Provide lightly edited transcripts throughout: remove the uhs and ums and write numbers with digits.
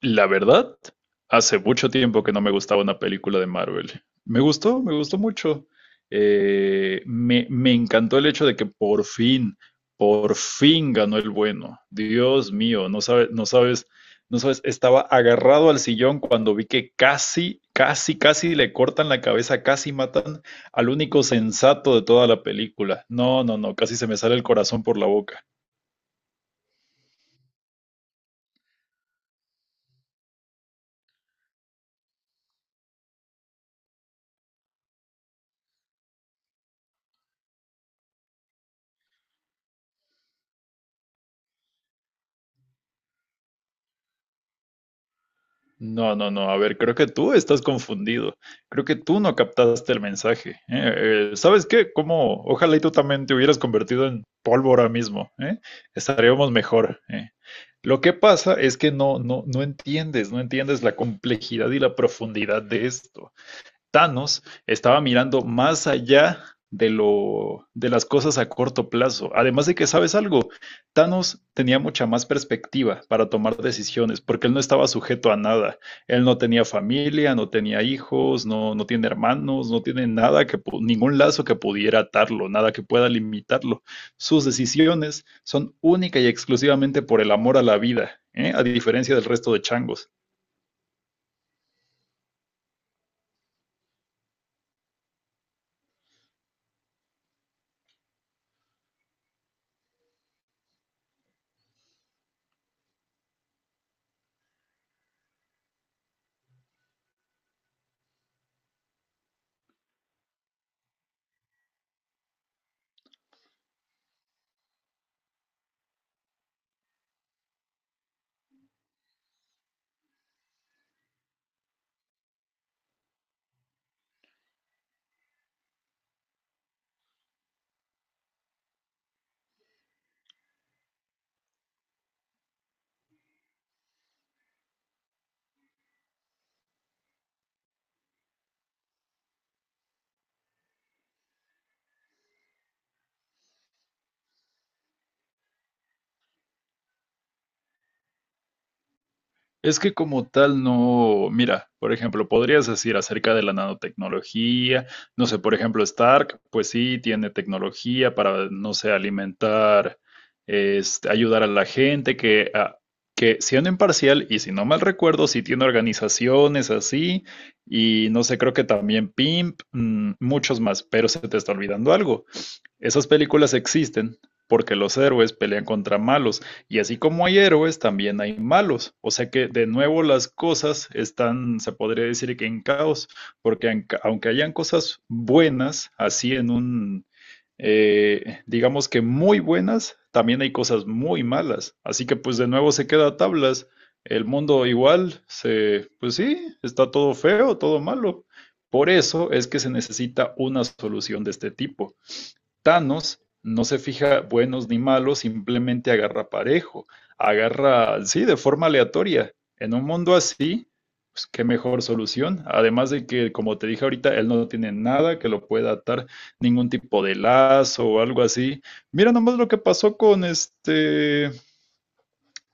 La verdad, hace mucho tiempo que no me gustaba una película de Marvel. Me gustó mucho. Me encantó el hecho de que por fin ganó el bueno. Dios mío, no sabes, no sabes, no sabes, estaba agarrado al sillón cuando vi que casi, casi, casi le cortan la cabeza, casi matan al único sensato de toda la película. No, no, no, casi se me sale el corazón por la boca. No, no, no. A ver, creo que tú estás confundido. Creo que tú no captaste el mensaje. ¿Eh? ¿Sabes qué? Como, ojalá y tú también te hubieras convertido en polvo ahora mismo. ¿Eh? Estaríamos mejor. ¿Eh? Lo que pasa es que no entiendes, no entiendes la complejidad y la profundidad de esto. Thanos estaba mirando más allá de lo de las cosas a corto plazo. Además de que, ¿sabes algo? Thanos tenía mucha más perspectiva para tomar decisiones, porque él no estaba sujeto a nada. Él no tenía familia, no tenía hijos, no, no tiene hermanos, no tiene nada que ningún lazo que pudiera atarlo, nada que pueda limitarlo. Sus decisiones son única y exclusivamente por el amor a la vida, ¿eh? A diferencia del resto de changos. Es que como tal no, mira, por ejemplo, podrías decir acerca de la nanotecnología, no sé, por ejemplo, Stark, pues sí, tiene tecnología para, no sé, alimentar, este, ayudar a la gente, que, que siendo imparcial, y si no mal recuerdo, sí tiene organizaciones así, y no sé, creo que también Pimp, mm, muchos más, pero se te está olvidando algo. Esas películas existen porque los héroes pelean contra malos y así como hay héroes también hay malos, o sea que de nuevo las cosas están, se podría decir que en caos, porque aunque hayan cosas buenas, así en un, digamos que muy buenas, también hay cosas muy malas, así que pues de nuevo se queda a tablas, el mundo igual, se, pues sí, está todo feo, todo malo, por eso es que se necesita una solución de este tipo. Thanos no se fija buenos ni malos, simplemente agarra parejo, agarra, sí, de forma aleatoria. En un mundo así, pues qué mejor solución. Además de que, como te dije ahorita, él no tiene nada que lo pueda atar, ningún tipo de lazo o algo así. Mira nomás lo que pasó con este,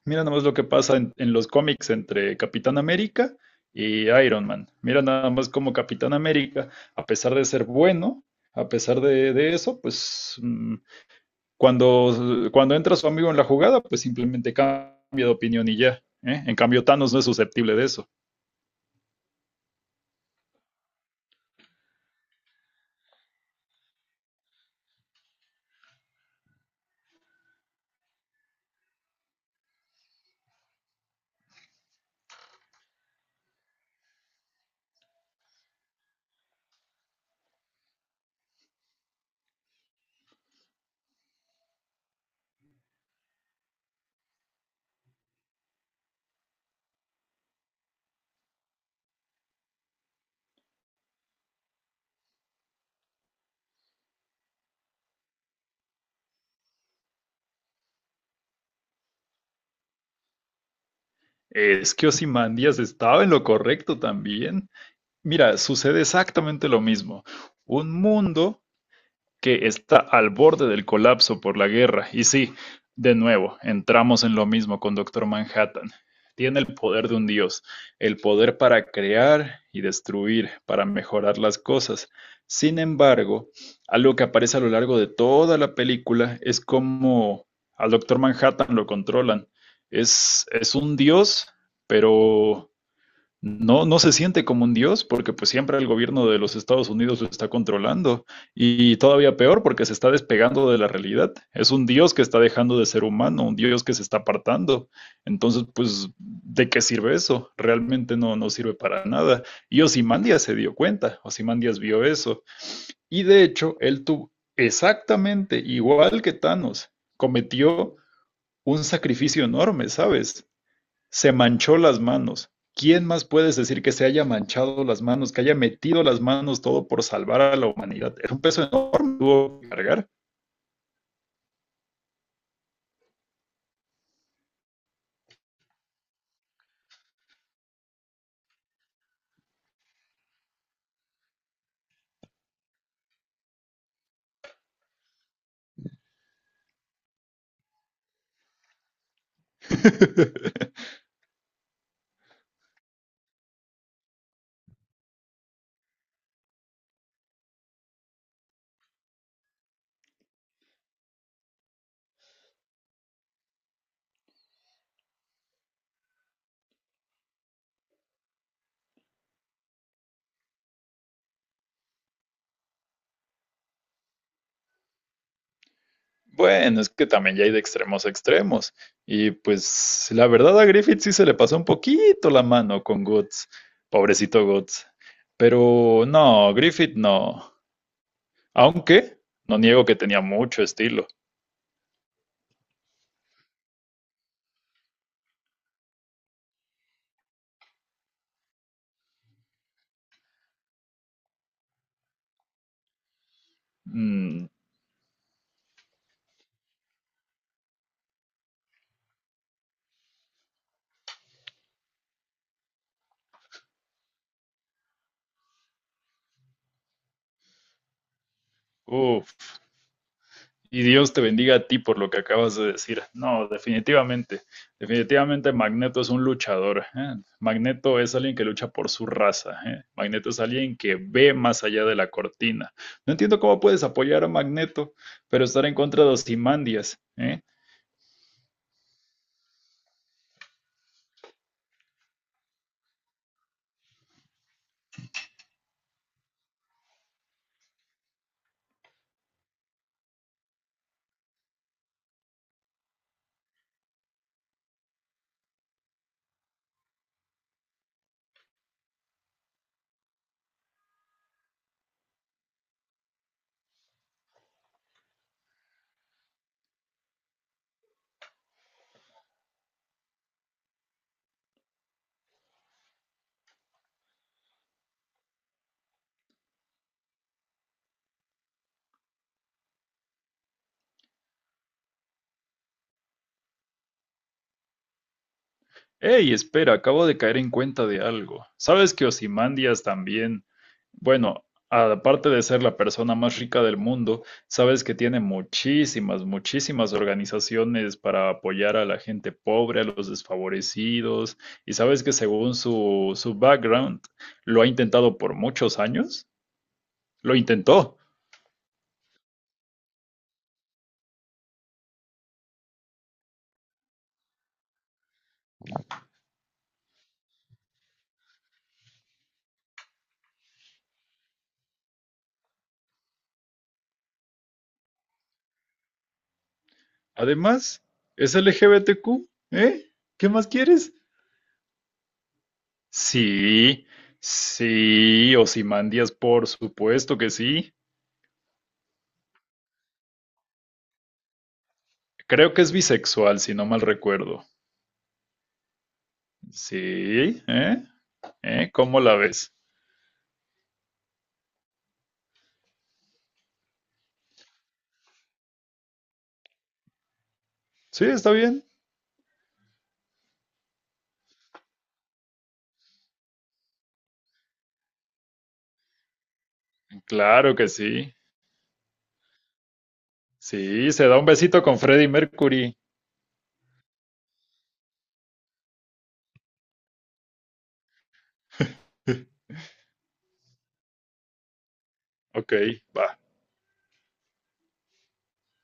mira nomás lo que pasa en los cómics entre Capitán América y Iron Man. Mira nada más como Capitán América, a pesar de ser bueno, a pesar de eso, pues mm, cuando entra su amigo en la jugada, pues simplemente cambia de opinión y ya. ¿Eh? En cambio, Thanos no es susceptible de eso. Es que Ozymandias estaba en lo correcto también. Mira, sucede exactamente lo mismo. Un mundo que está al borde del colapso por la guerra. Y sí, de nuevo, entramos en lo mismo con Doctor Manhattan. Tiene el poder de un dios, el poder para crear y destruir, para mejorar las cosas. Sin embargo, algo que aparece a lo largo de toda la película es como al Doctor Manhattan lo controlan. Es un dios, pero no se siente como un dios porque pues siempre el gobierno de los Estados Unidos lo está controlando y todavía peor porque se está despegando de la realidad. Es un dios que está dejando de ser humano, un dios que se está apartando. Entonces, pues, ¿de qué sirve eso? Realmente no sirve para nada. Y Ozymandias se dio cuenta, Ozymandias vio eso. Y de hecho, él tuvo exactamente igual que Thanos, cometió un sacrificio enorme, ¿sabes? Se manchó las manos. ¿Quién más puedes decir que se haya manchado las manos, que haya metido las manos todo por salvar a la humanidad? Era un peso enorme, tuvo que cargar. Bueno, es que también ya hay de extremos a extremos. Y pues la verdad a Griffith sí se le pasó un poquito la mano con Guts. Pobrecito Guts. Pero no, Griffith no. Aunque no niego que tenía mucho estilo. Mm, uf, y Dios te bendiga a ti por lo que acabas de decir. No, definitivamente, definitivamente Magneto es un luchador. ¿Eh? Magneto es alguien que lucha por su raza. ¿Eh? Magneto es alguien que ve más allá de la cortina. No entiendo cómo puedes apoyar a Magneto, pero estar en contra de Osimandias. ¿Eh? Ey, espera, acabo de caer en cuenta de algo. ¿Sabes que Osimandias también? Bueno, aparte de ser la persona más rica del mundo, sabes que tiene muchísimas, muchísimas organizaciones para apoyar a la gente pobre, a los desfavorecidos, y sabes que según su, su background, lo ha intentado por muchos años, lo intentó. Además, es LGBTQ, ¿eh? ¿Qué más quieres? Sí, sí, Ozymandias, por supuesto que sí. Creo que es bisexual, si no mal recuerdo. Sí, ¿eh? ¿Eh? ¿Cómo la ves? Sí, está bien. Claro que sí. Sí, se da un besito con Freddie Mercury. Ok, va.